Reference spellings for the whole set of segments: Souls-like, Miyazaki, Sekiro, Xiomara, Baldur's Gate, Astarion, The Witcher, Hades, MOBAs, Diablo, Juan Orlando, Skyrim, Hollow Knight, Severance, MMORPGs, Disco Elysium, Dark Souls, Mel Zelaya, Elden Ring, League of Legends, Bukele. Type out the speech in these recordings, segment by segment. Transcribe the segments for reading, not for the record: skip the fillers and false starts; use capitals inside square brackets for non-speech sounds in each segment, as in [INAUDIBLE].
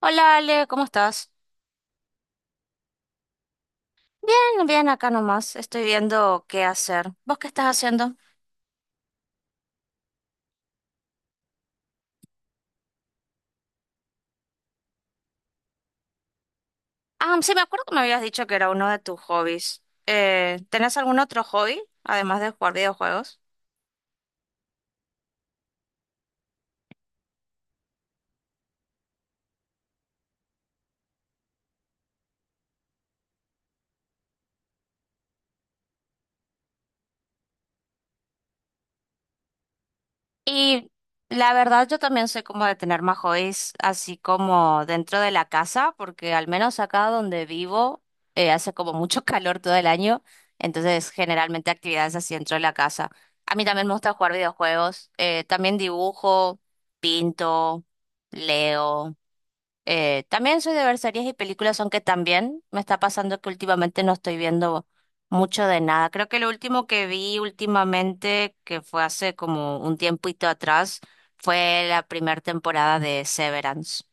Hola Ale, ¿cómo estás? Bien, bien, acá nomás. Estoy viendo qué hacer. ¿Vos qué estás haciendo? Ah, sí, me acuerdo que me habías dicho que era uno de tus hobbies. ¿Tenés algún otro hobby, además de jugar videojuegos? Y la verdad yo también soy como de tener más hobbies así como dentro de la casa, porque al menos acá donde vivo hace como mucho [LAUGHS] calor todo el año, entonces generalmente actividades así dentro de la casa. A mí también me gusta jugar videojuegos, también dibujo, pinto, leo. También soy de ver series y películas, aunque también me está pasando que últimamente no estoy viendo mucho de nada. Creo que lo último que vi últimamente, que fue hace como un tiempito atrás, fue la primera temporada de Severance.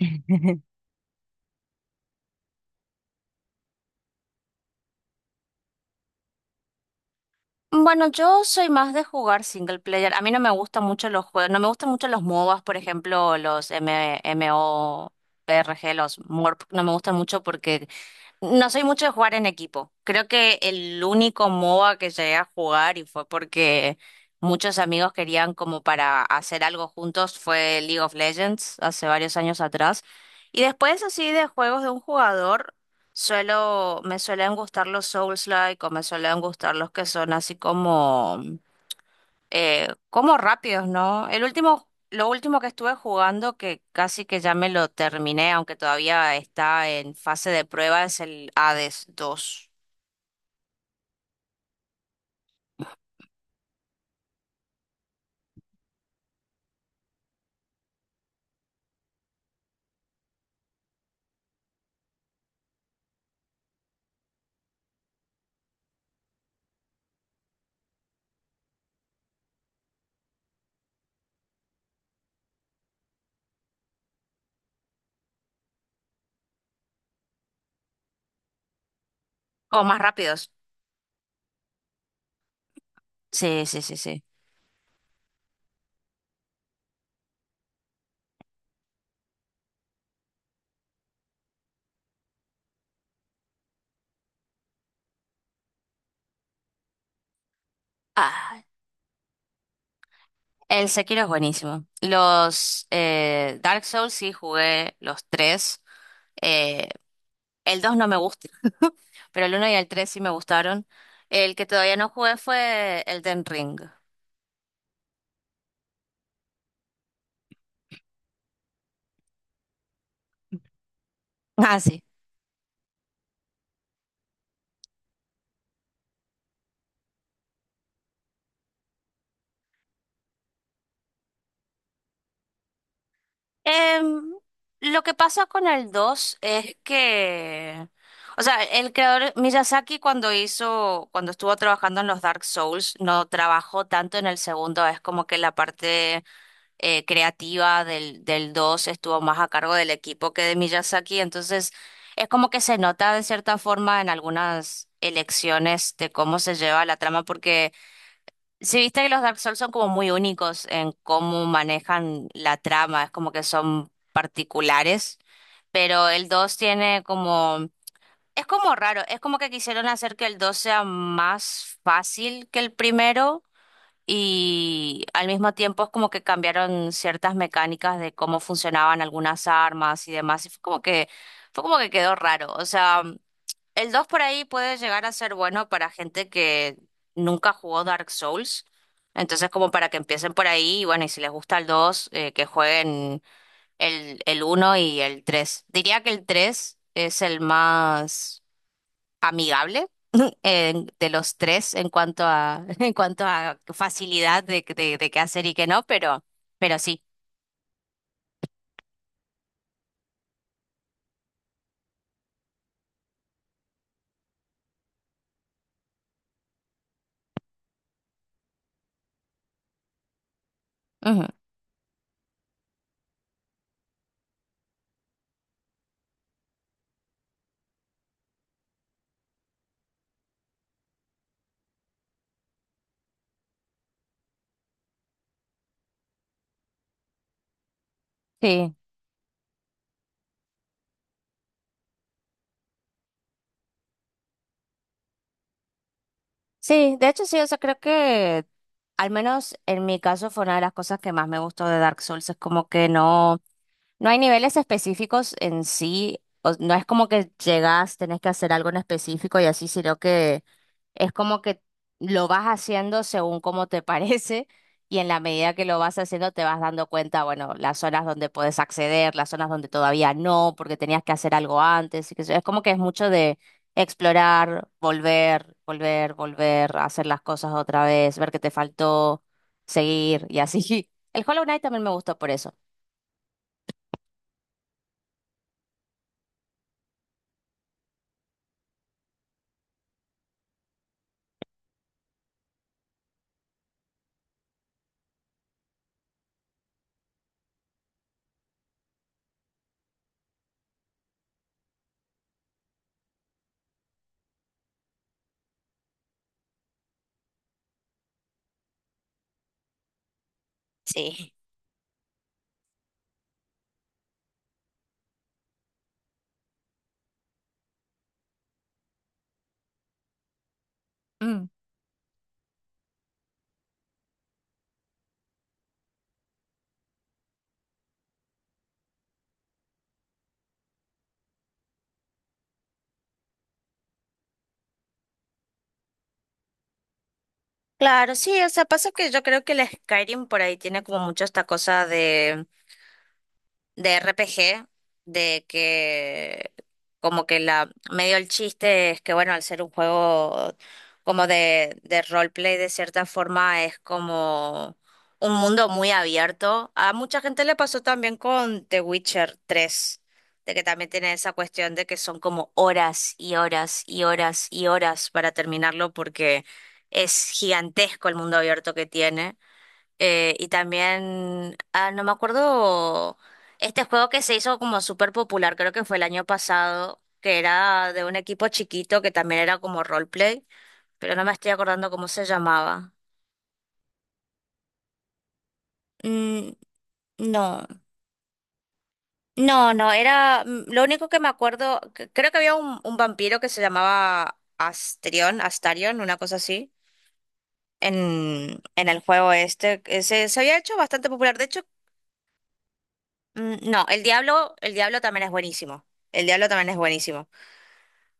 [LAUGHS] Bueno, yo soy más de jugar single player. A mí no me gustan mucho los juegos, no me gustan mucho los MOBAs, por ejemplo, los MMORPG, los MORP, no me gustan mucho porque. No soy mucho de jugar en equipo. Creo que el único MOBA que llegué a jugar y fue porque muchos amigos querían como para hacer algo juntos fue League of Legends hace varios años atrás. Y después así de juegos de un jugador, me suelen gustar los Souls-like o me suelen gustar los que son así como como rápidos, ¿no? El último, lo último que estuve jugando, que casi que ya me lo terminé, aunque todavía está en fase de prueba, es el Hades dos. O más rápidos. Sí, sí, sí, sí. Ah, el Sekiro es buenísimo. Los Dark Souls sí jugué los tres. Eh, el 2 no me gusta, [LAUGHS] pero el uno y el 3 sí me gustaron. El que todavía no jugué fue el Elden Ring. Ah, sí. Em, lo que pasa con el 2 es que, o sea, el creador Miyazaki cuando estuvo trabajando en los Dark Souls, no trabajó tanto en el segundo, es como que la parte creativa del 2 estuvo más a cargo del equipo que de Miyazaki, entonces es como que se nota de cierta forma en algunas elecciones de cómo se lleva la trama, porque... Sí, viste que los Dark Souls son como muy únicos en cómo manejan la trama, es como que son particulares, pero el 2 tiene como... Es como raro, es como que quisieron hacer que el 2 sea más fácil que el primero y al mismo tiempo es como que cambiaron ciertas mecánicas de cómo funcionaban algunas armas y demás, y fue como que quedó raro, o sea... El 2 por ahí puede llegar a ser bueno para gente que nunca jugó Dark Souls. Entonces, como para que empiecen por ahí, y bueno, y si les gusta el 2 que jueguen el uno y el 3. Diría que el 3 es el más amigable eh, de los tres en cuanto a, [LAUGHS] en cuanto a facilidad de qué hacer y qué no, pero sí. Ujú. Sí. Sí, de hecho sí, o sea, creo que al menos en mi caso fue una de las cosas que más me gustó de Dark Souls, es como que no... No hay niveles específicos en sí, o- no es como que llegás, tenés que hacer algo en específico y así, sino que es como que lo vas haciendo según como te [LAUGHS] parece y en la medida que lo vas haciendo te vas dando cuenta, bueno, las zonas donde puedes acceder, las zonas donde todavía no, porque tenías que hacer algo antes, y que es como que es mucho de explorar, volver, volver, volver, hacer las cosas otra vez, ver qué te faltó, seguir y así. [LAUGHS] El Hollow Knight también me gustó por eso. Sí. Claro, sí, o sea, pasa que yo creo que el Skyrim por ahí tiene como mucho esta cosa de RPG, de que como que la medio el chiste es que bueno, al ser un juego como de roleplay de cierta forma es como un mundo muy abierto. A mucha gente le pasó también con The Witcher 3 de que también tiene esa cuestión de que son como horas y horas y horas y horas para terminarlo porque es gigantesco el mundo abierto que tiene. Y también, ah, no me acuerdo, este juego que se hizo como súper popular, creo que fue el año pasado, que era de un equipo chiquito que también era como roleplay, pero no me estoy acordando cómo se llamaba. Mm, no, no, no, lo único que me acuerdo, c- creo que había un vampiro que se llamaba Astrion, Astarion, una cosa así. En el juego este, se había hecho bastante popular. De hecho, Mm, No, el Diablo también es buenísimo. El Diablo también es buenísimo.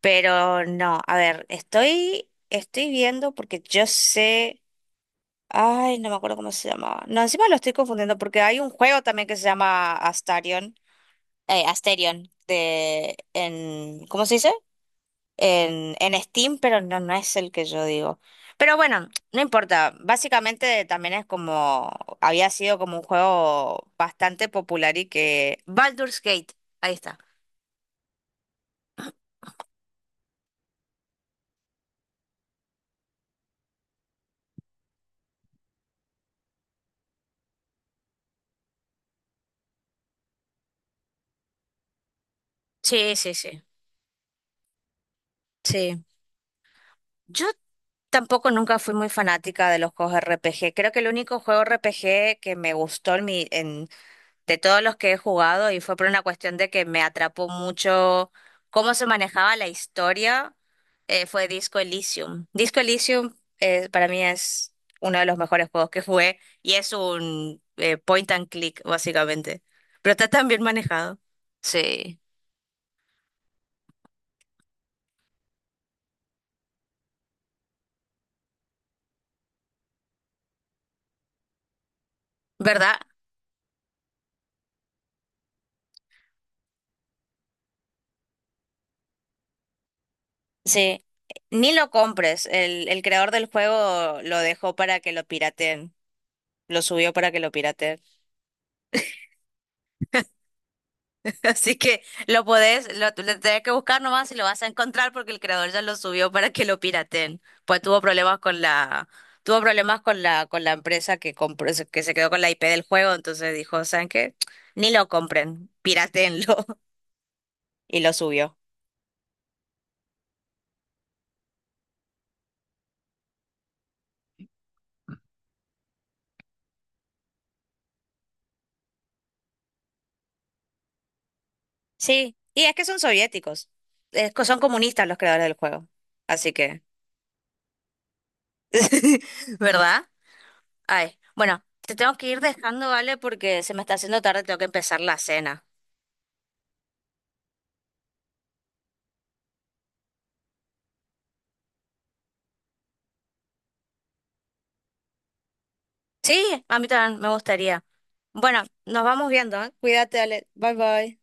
Pero no, a ver, estoy viendo porque yo sé. Ay, no me acuerdo cómo se llamaba. No, encima lo estoy confundiendo porque hay un juego también que se llama Astarion. Asterion. ¿Cómo se dice? En Steam, pero no, no es el que yo digo. Pero bueno, no importa. Básicamente también es como. Había sido como un juego bastante popular y que. Baldur's Gate. Ahí está. Sí, sí, sí, sí. Yo tampoco nunca fui muy fanática de los juegos RPG. Creo que el único juego RPG que me gustó de todos los que he jugado y fue por una cuestión de que me atrapó mucho cómo se manejaba la historia, fue Disco Elysium. Disco Elysium para mí es uno de los mejores juegos que jugué y es un point and click, básicamente. Pero está tan bien manejado. Sí. ¿Verdad? Sí, ni lo compres. El creador del juego lo dejó para que lo pirateen. Lo subió para que lo pirateen. [LAUGHS] Así que lo tenés que buscar nomás y lo vas a encontrar porque el creador ya lo subió para que lo pirateen. Pues tuvo problemas con la empresa que compró, se- que se quedó con la IP del juego, entonces dijo, ¿saben qué? Ni lo compren, pirateenlo. [LAUGHS] Y lo subió. Sí, y es que son soviéticos. Es co- son comunistas los creadores del juego. Así que, [LAUGHS] ¿verdad? Ay, bueno, te tengo que ir dejando, ¿vale? Porque se me está haciendo tarde, tengo que empezar la cena. Sí, a mí también me gustaría. Bueno, nos vamos viendo, ¿eh? Cuídate, Ale. Bye bye.